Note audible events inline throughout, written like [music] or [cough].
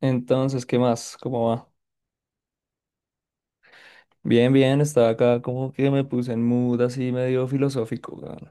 Entonces, ¿qué más? ¿Cómo va? Bien, bien, estaba acá como que me puse en mood así medio filosófico, weón.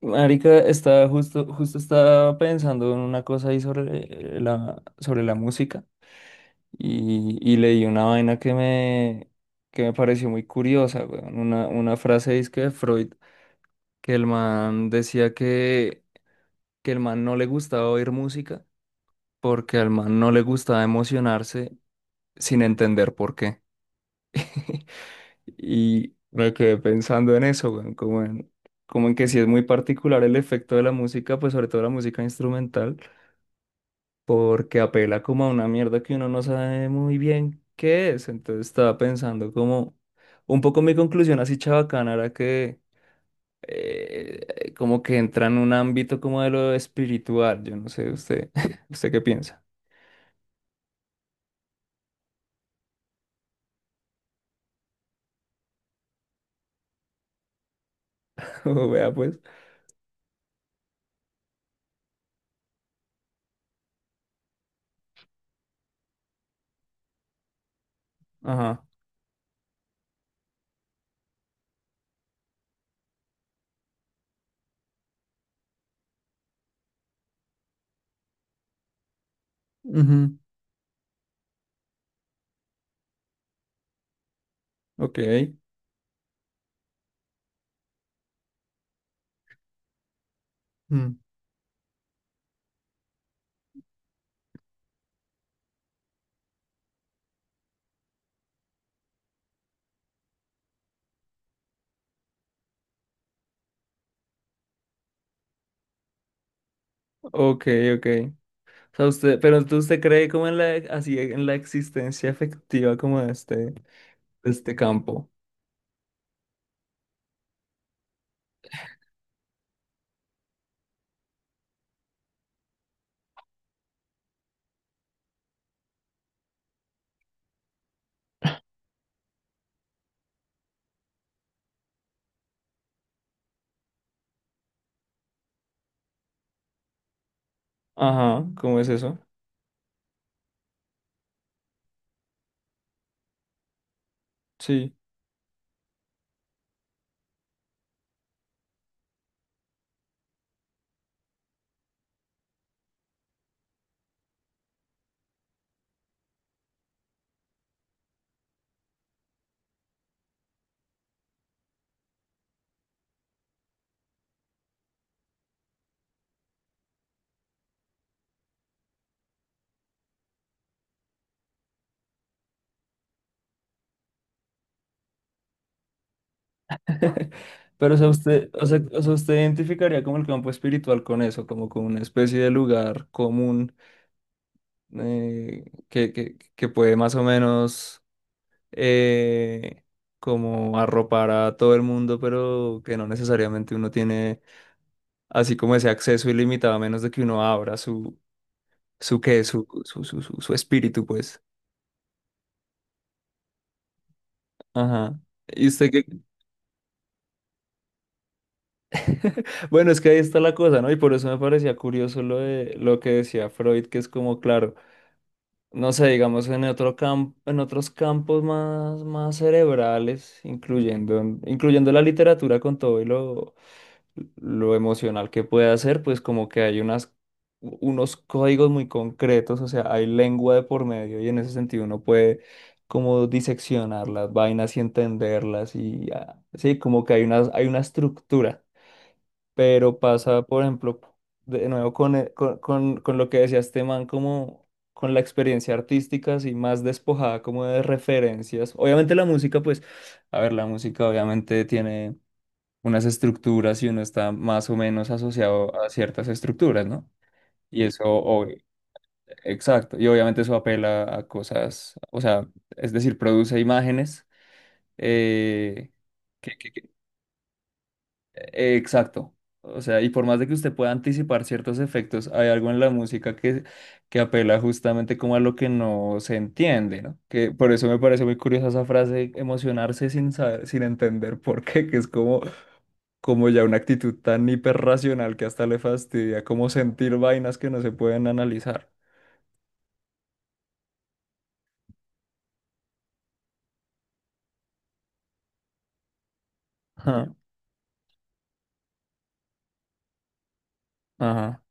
Marica, justo estaba pensando en una cosa ahí sobre sobre la música y leí una vaina que me pareció muy curiosa, weón. Una frase disque de Freud, que el man decía que el man no le gustaba oír música porque al man no le gustaba emocionarse sin entender por qué. [laughs] Y me quedé pensando en eso, weón, como en, como en que sí es muy particular el efecto de la música, pues sobre todo la música instrumental, porque apela como a una mierda que uno no sabe muy bien qué es. Entonces estaba pensando como un poco mi conclusión así chabacana era que como que entra en un ámbito como de lo espiritual. Yo no sé, usted, [laughs] ¿usted qué piensa? [laughs] Vea pues. Ajá. Ujú. Ok. Mm. Ok, ok. O sea, usted, pero entonces usted cree como en la, así, en la existencia efectiva como de este campo. Ajá, ¿cómo es eso? Sí. [laughs] Pero o sea, usted identificaría como el campo espiritual con eso, como con una especie de lugar común que puede más o menos eh, como arropar a todo el mundo, pero que no necesariamente uno tiene así como ese acceso ilimitado, a menos de que uno abra su, su qué, su espíritu, pues. Ajá. Y usted que... [laughs] Bueno, es que ahí está la cosa, ¿no? Y por eso me parecía curioso lo de lo que decía Freud, que es como, claro, no sé, digamos, en otro campo, en otros campos más, más cerebrales, incluyendo la literatura con todo y lo emocional que puede hacer, pues como que hay unas, unos códigos muy concretos, o sea, hay lengua de por medio y en ese sentido uno puede como diseccionar las vainas y entenderlas y ah, sí, como que hay unas, hay una estructura, pero pasa, por ejemplo, de nuevo con lo que decía este man, como con la experiencia artística, así más despojada como de referencias. Obviamente la música, pues, a ver, la música obviamente tiene unas estructuras y uno está más o menos asociado a ciertas estructuras, ¿no? Y eso, exacto, y obviamente eso apela a cosas, o sea, es decir, produce imágenes, eh, que- que- que- exacto, o sea, y por más de que usted pueda anticipar ciertos efectos, hay algo en la música que apela justamente como a lo que no se entiende, ¿no? Que por eso me parece muy curiosa esa frase, emocionarse sin saber, sin entender por qué, que es como... como ya una actitud tan hiperracional que hasta le fastidia como sentir vainas que no se pueden analizar. Ajá, ajá.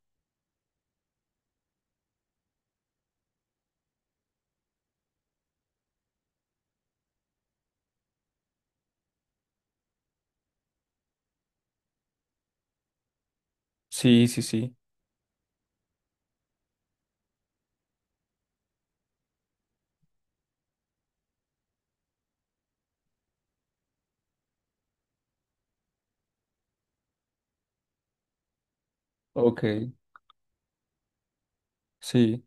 Sí, sí, sí. Ok, sí.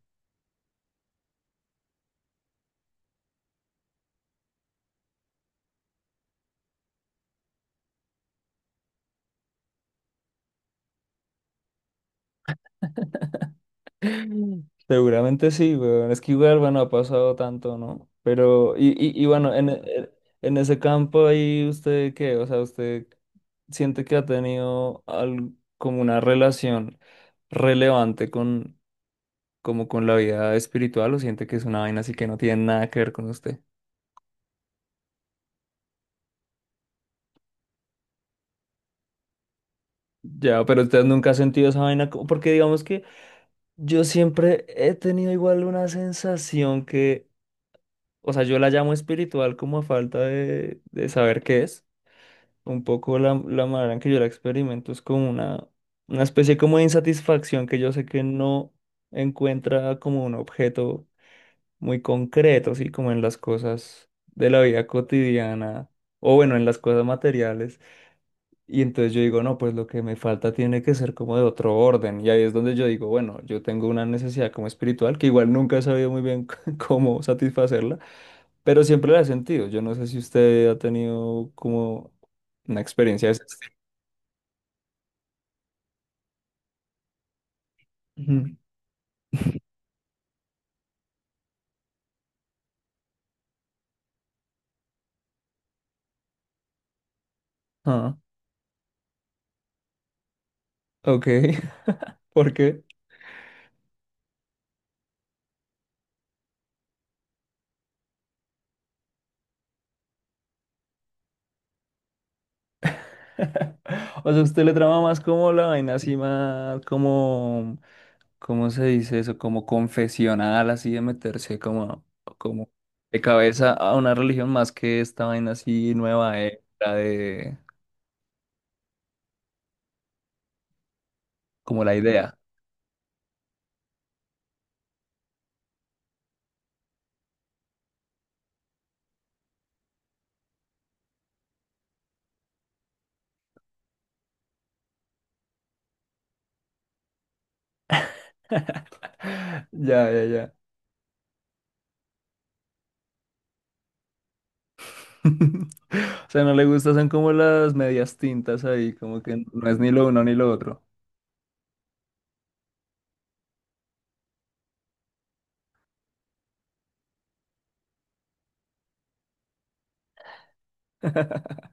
[laughs] Seguramente sí, weón. Es que igual, bueno, ha pasado tanto, ¿no? Pero, y bueno, en ese campo ahí, ¿usted qué? O sea, ¿usted siente que ha tenido como una relación relevante con, como con la vida espiritual o siente que es una vaina así que no tiene nada que ver con usted? Ya, pero usted nunca ha sentido esa vaina, porque digamos que yo siempre he tenido igual una sensación que, o sea, yo la llamo espiritual como a falta de saber qué es. Un poco la manera en que yo la experimento es como una especie como de insatisfacción que yo sé que no encuentra como un objeto muy concreto, así como en las cosas de la vida cotidiana, o bueno, en las cosas materiales y entonces yo digo, no, pues lo que me falta tiene que ser como de otro orden. Y ahí es donde yo digo, bueno, yo tengo una necesidad como espiritual, que igual nunca he sabido muy bien [laughs] cómo satisfacerla, pero siempre la he sentido. Yo no sé si usted ha tenido como una experiencia de ese estilo. Ujú. Ah, ok. [laughs] ¿Por qué? [laughs] O sea, usted le trama más como la vaina así más como ¿cómo se dice eso? Como confesional, así de meterse como, como de cabeza a una religión más que esta vaina así nueva, la de como la idea. [laughs] Ya, ya, ya. [laughs] O sea, no le gusta, son como las medias tintas ahí, como que no es ni lo uno ni lo otro. [laughs]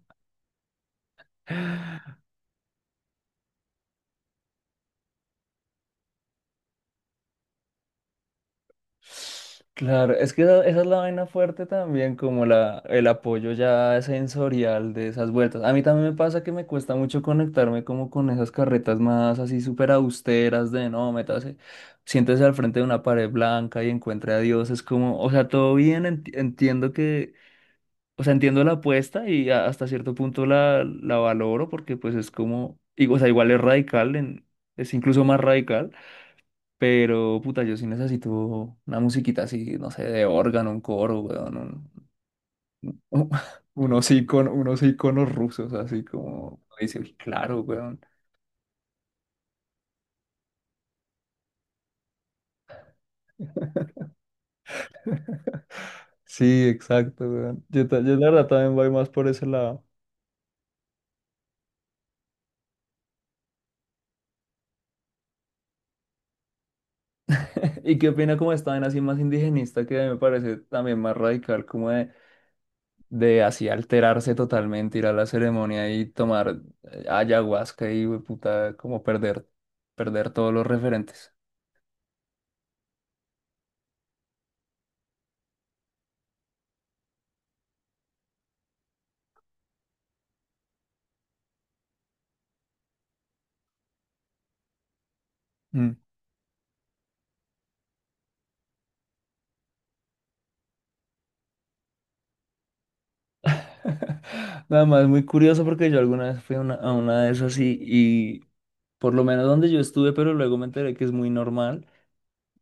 Claro, es que esa es la vaina fuerte también, como la, el apoyo ya sensorial de esas vueltas. A mí también me pasa que me cuesta mucho conectarme como con esas carretas más así súper austeras de no, métase, siéntese al frente de una pared blanca y encuentre a Dios. Es como, o sea, todo bien, entiendo que, o sea, entiendo la apuesta y hasta cierto punto la valoro porque pues es como, y, o sea, igual es radical, es incluso más radical. Pero, puta, yo sí necesito una musiquita así, no sé, de órgano, un coro, weón, un- [laughs] unos iconos rusos, así como dice, "Uy, claro, weón. Sí, exacto, weón. Yo, yo la verdad también voy más por ese lado. [laughs] Y qué opina como estaban así más indigenista, que me parece también más radical, como de así alterarse totalmente, ir a la ceremonia y tomar ayahuasca y, weón, puta, como perder, perder todos los referentes. [laughs] Nada más, muy curioso porque yo alguna vez fui a una de esas y por lo menos donde yo estuve, pero luego me enteré que es muy normal.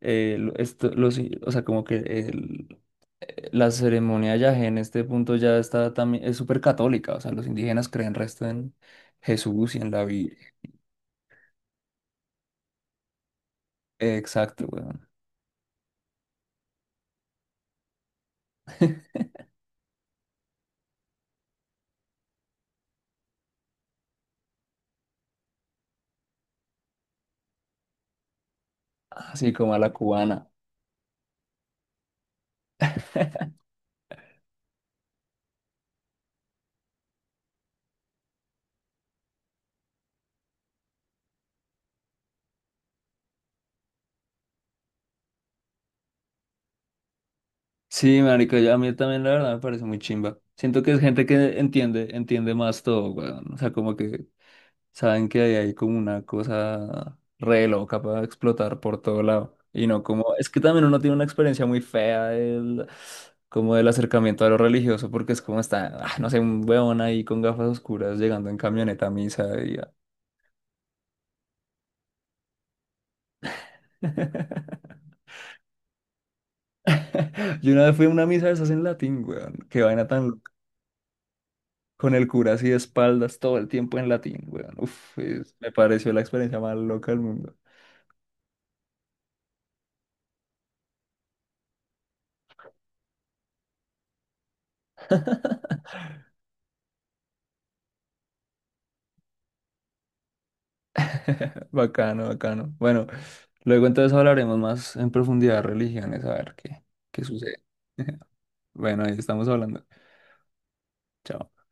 O sea, como que la ceremonia yagé en este punto ya está también, es súper católica. O sea, los indígenas creen resto en Jesús y en la Biblia. Exacto, weón. Así como a la cubana. [laughs] Sí, marica, a mí también la verdad me parece muy chimba. Siento que es gente que entiende, entiende más todo, weón. O sea, como que saben que ahí hay como una cosa re loca para explotar por todo lado. Y no como, es que también uno tiene una experiencia muy fea del, como del acercamiento a lo religioso, porque es como está, ah, no sé, un weón ahí con gafas oscuras llegando en camioneta a misa. Y, ah. [laughs] Yo una vez fui a una misa de esas en latín, weón. Qué vaina tan loca. Con el cura así de espaldas todo el tiempo en latín, weón. Uf, me pareció la experiencia más loca del mundo. [laughs] [laughs] Bacano, bacano. Bueno, luego entonces hablaremos más en profundidad de religiones, a ver qué, qué sucede. [laughs] Bueno, ahí estamos hablando. Chao.